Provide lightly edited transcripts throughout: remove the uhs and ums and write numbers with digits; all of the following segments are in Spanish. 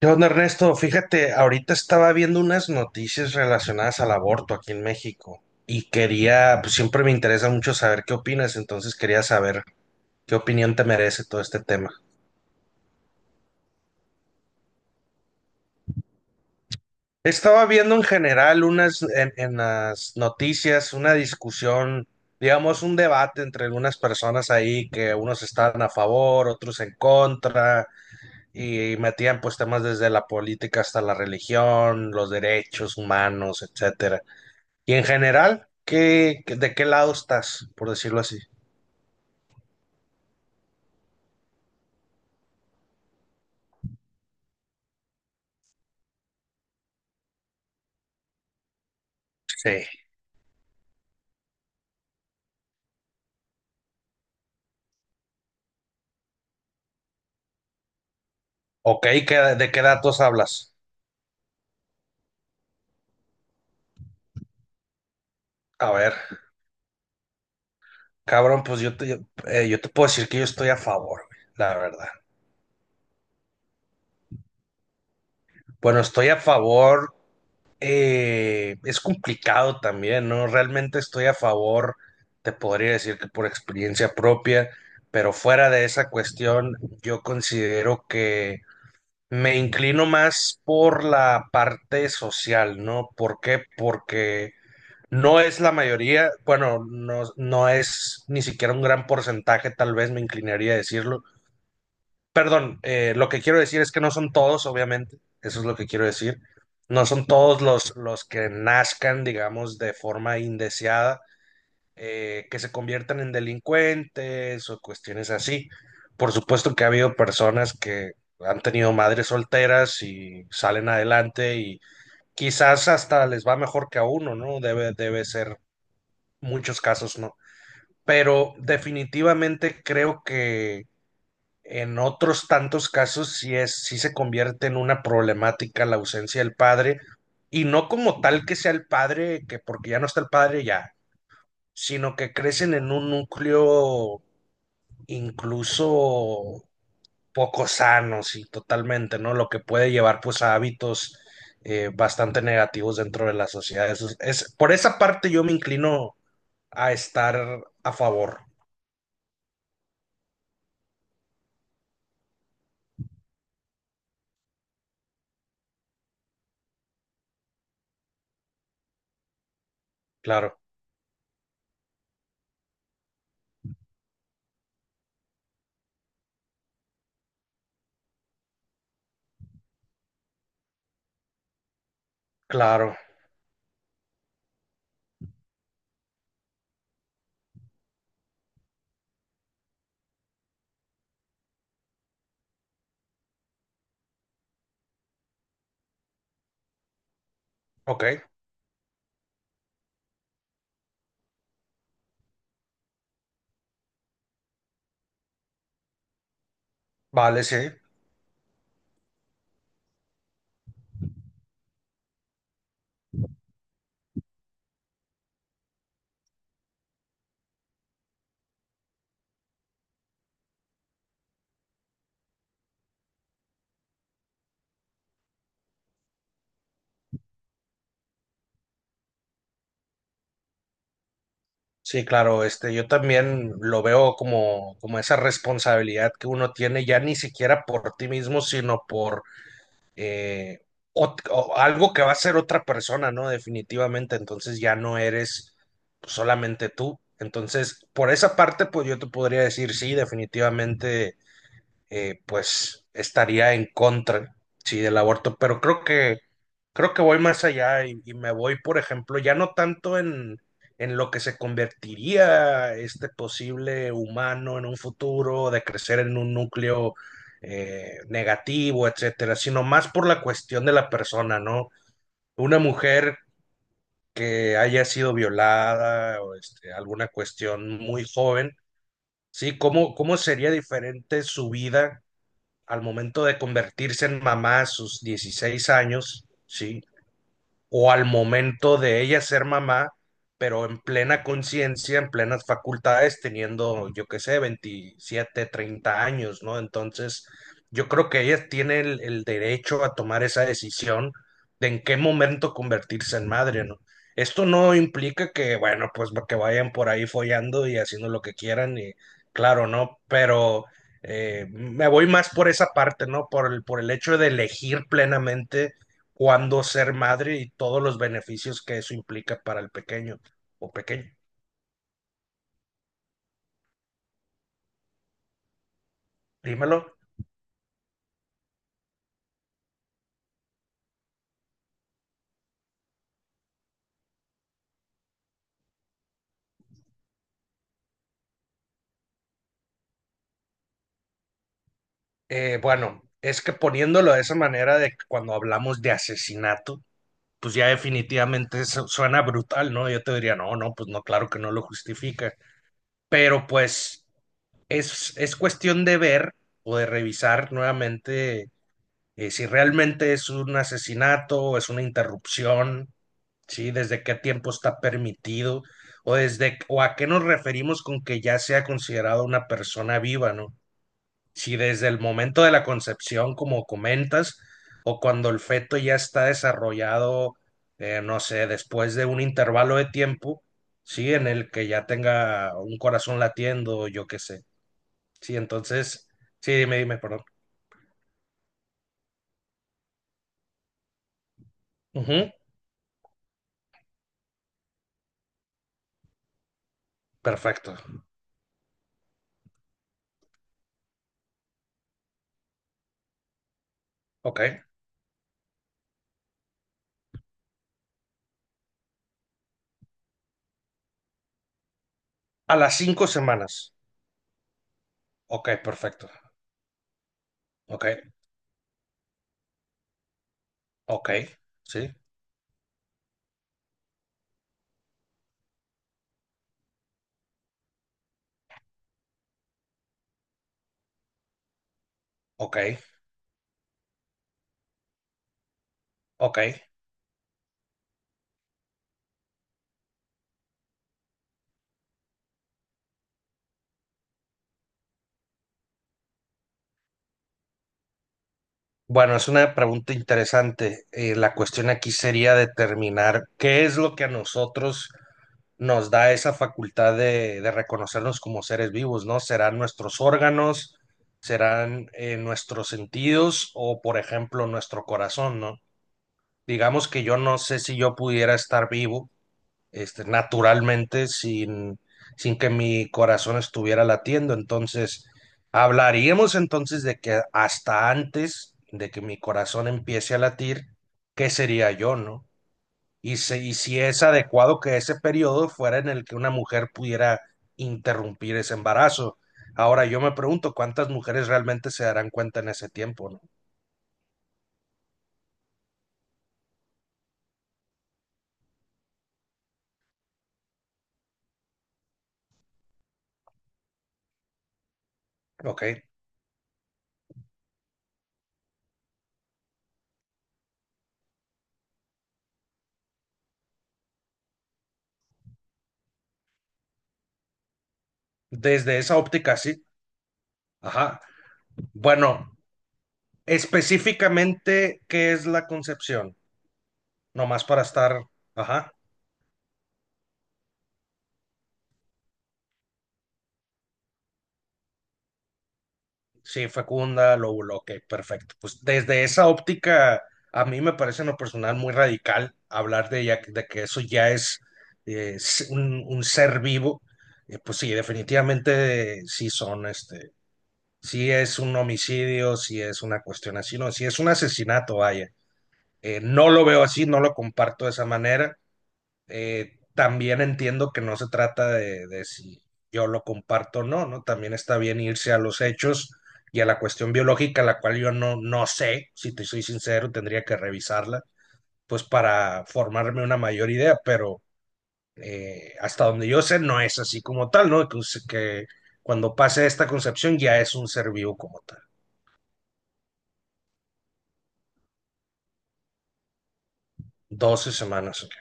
Yo, Ernesto, fíjate, ahorita estaba viendo unas noticias relacionadas al aborto aquí en México y quería, pues siempre me interesa mucho saber qué opinas, entonces quería saber qué opinión te merece todo este tema. Estaba viendo en general unas, en las noticias, una discusión, digamos, un debate entre algunas personas ahí que unos estaban a favor, otros en contra y metían pues temas desde la política hasta la religión, los derechos humanos, etcétera. Y en general, ¿ de qué lado estás, por decirlo así? Sí. Ok, ¿de qué datos hablas? A ver, cabrón, yo te puedo decir que yo estoy a favor, güey, la verdad. Bueno, estoy a favor, es complicado también, ¿no? Realmente estoy a favor, te podría decir que por experiencia propia, pero fuera de esa cuestión, yo considero que me inclino más por la parte social, ¿no? ¿Por qué? Porque no es la mayoría, bueno, no es ni siquiera un gran porcentaje, tal vez me inclinaría a decirlo. Perdón, lo que quiero decir es que no son todos, obviamente, eso es lo que quiero decir. No son todos los que nazcan, digamos, de forma indeseada, que se conviertan en delincuentes o cuestiones así. Por supuesto que ha habido personas que han tenido madres solteras y salen adelante y quizás hasta les va mejor que a uno, ¿no? Debe ser muchos casos no. Pero definitivamente creo que en otros tantos casos sí se convierte en una problemática la ausencia del padre, y no como tal que sea el padre, que porque ya no está el padre ya, sino que crecen en un núcleo incluso poco sanos y totalmente, ¿no? Lo que puede llevar pues a hábitos bastante negativos dentro de la sociedad. Por esa parte yo me inclino a estar a favor. Claro, claro. Ok, vale, sí. Sí, claro, este, yo también lo veo como, como esa responsabilidad que uno tiene ya ni siquiera por ti mismo, sino por eh, o algo que va a ser otra persona, ¿no? Definitivamente, entonces ya no eres solamente tú. Entonces, por esa parte, pues yo te podría decir, sí, definitivamente, pues estaría en contra, sí, del aborto, Creo que voy más allá y me voy, por ejemplo, ya no tanto en lo que se convertiría este posible humano en un futuro, de crecer en un núcleo negativo, etcétera, sino más por la cuestión de la persona, ¿no? Una mujer que haya sido violada o este, alguna cuestión muy joven, ¿sí? ¿Cómo, cómo sería diferente su vida al momento de convertirse en mamá a sus 16 años, ¿sí? o al momento de ella ser mamá, pero en plena conciencia, en plenas facultades, teniendo, yo qué sé, 27, 30 años, ¿no? Entonces, yo creo que ella tiene el derecho a tomar esa decisión de en qué momento convertirse en madre, ¿no? Esto no implica que, bueno, pues que vayan por ahí follando y haciendo lo que quieran y claro, ¿no? Pero me voy más por esa parte, ¿no? Por el hecho de elegir plenamente cuándo ser madre y todos los beneficios que eso implica para el pequeño o pequeño. Dímelo. Bueno, es que poniéndolo de esa manera de que cuando hablamos de asesinato, pues ya definitivamente eso suena brutal, ¿no? Yo te diría, no, no, pues no, claro que no lo justifica, pero pues es cuestión de ver o de revisar nuevamente si realmente es un asesinato, es una interrupción, ¿sí? ¿Desde qué tiempo está permitido? ¿O, desde, o a qué nos referimos con que ya sea considerado una persona viva, ¿no? Si desde el momento de la concepción, como comentas, o cuando el feto ya está desarrollado, no sé, después de un intervalo de tiempo, ¿sí? En el que ya tenga un corazón latiendo, yo qué sé. Sí, entonces, sí, dime, perdón. Ujú, perfecto. Ok. A las 5 semanas. Ok, perfecto. Ok, ok. Sí. Ok, ok. Bueno, es una pregunta interesante. La cuestión aquí sería determinar qué es lo que a nosotros nos da esa facultad de reconocernos como seres vivos, ¿no? ¿Serán nuestros órganos? ¿Serán nuestros sentidos? O, por ejemplo, nuestro corazón, ¿no? Digamos que yo no sé si yo pudiera estar vivo este, naturalmente sin que mi corazón estuviera latiendo. Entonces, hablaríamos entonces de que hasta antes de que mi corazón empiece a latir, ¿qué sería yo, no? Y si es adecuado que ese periodo fuera en el que una mujer pudiera interrumpir ese embarazo. Ahora yo me pregunto cuántas mujeres realmente se darán cuenta en ese tiempo, ¿no? Ok, desde esa óptica sí. Ajá. Bueno, específicamente, ¿qué es la concepción? Nomás para estar, ajá, sí, fecunda, lóbulo, ok, perfecto. Pues desde esa óptica, a mí me parece en lo personal muy radical hablar de, de que eso ya es un ser vivo. Pues sí, definitivamente sí son, este, sí es un homicidio, sí es una cuestión así, no, sí es un asesinato, vaya. No lo veo así, no lo comparto de esa manera. También entiendo que no se trata de si yo lo comparto o no, ¿no? También está bien irse a los hechos y a la cuestión biológica, la cual yo no, no sé, si te soy sincero, tendría que revisarla, pues para formarme una mayor idea, pero hasta donde yo sé, no es así como tal, ¿no? Que cuando pase esta concepción ya es un ser vivo como tal. 12 semanas, ok.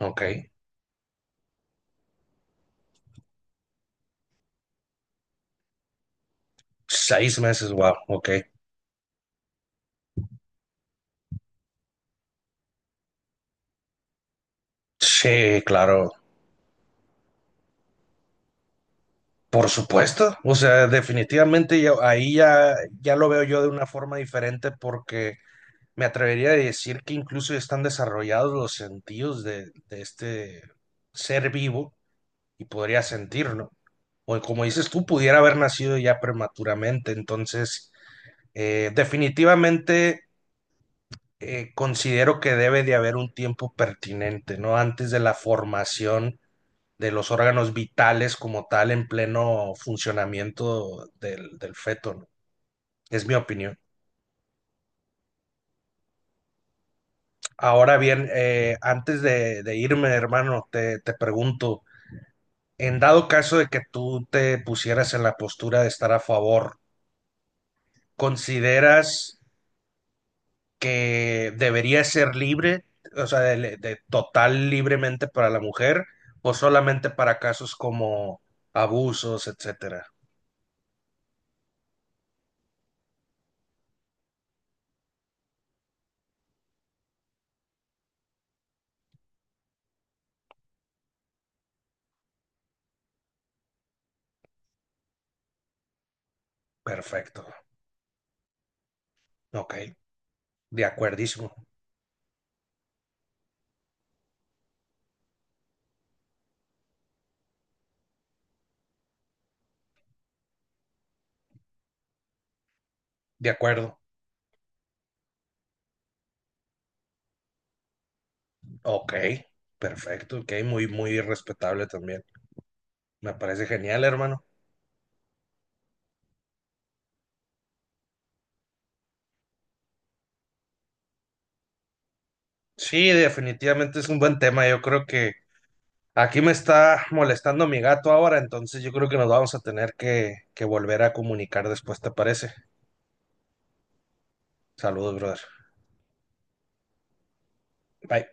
Ok. 6 meses, wow, ok. Sí, claro. Por supuesto, o sea, definitivamente yo, ahí ya, ya lo veo yo de una forma diferente porque me atrevería a decir que incluso ya están desarrollados los sentidos de este ser vivo y podría sentirlo. O como dices tú, pudiera haber nacido ya prematuramente. Entonces, definitivamente considero que debe de haber un tiempo pertinente, ¿no? Antes de la formación de los órganos vitales como tal en pleno funcionamiento del feto, ¿no? Es mi opinión. Ahora bien, antes de irme, hermano, te pregunto, en dado caso de que tú te pusieras en la postura de estar a favor, ¿consideras que debería ser libre, o sea, de total libremente para la mujer o solamente para casos como abusos, etcétera? Perfecto. Ok, de acuerdísimo, de acuerdo. Ok, perfecto, ok, muy, muy respetable también. Me parece genial, hermano. Sí, definitivamente es un buen tema. Yo creo que aquí me está molestando mi gato ahora, entonces yo creo que nos vamos a tener que volver a comunicar después, ¿te parece? Saludos, brother. Bye.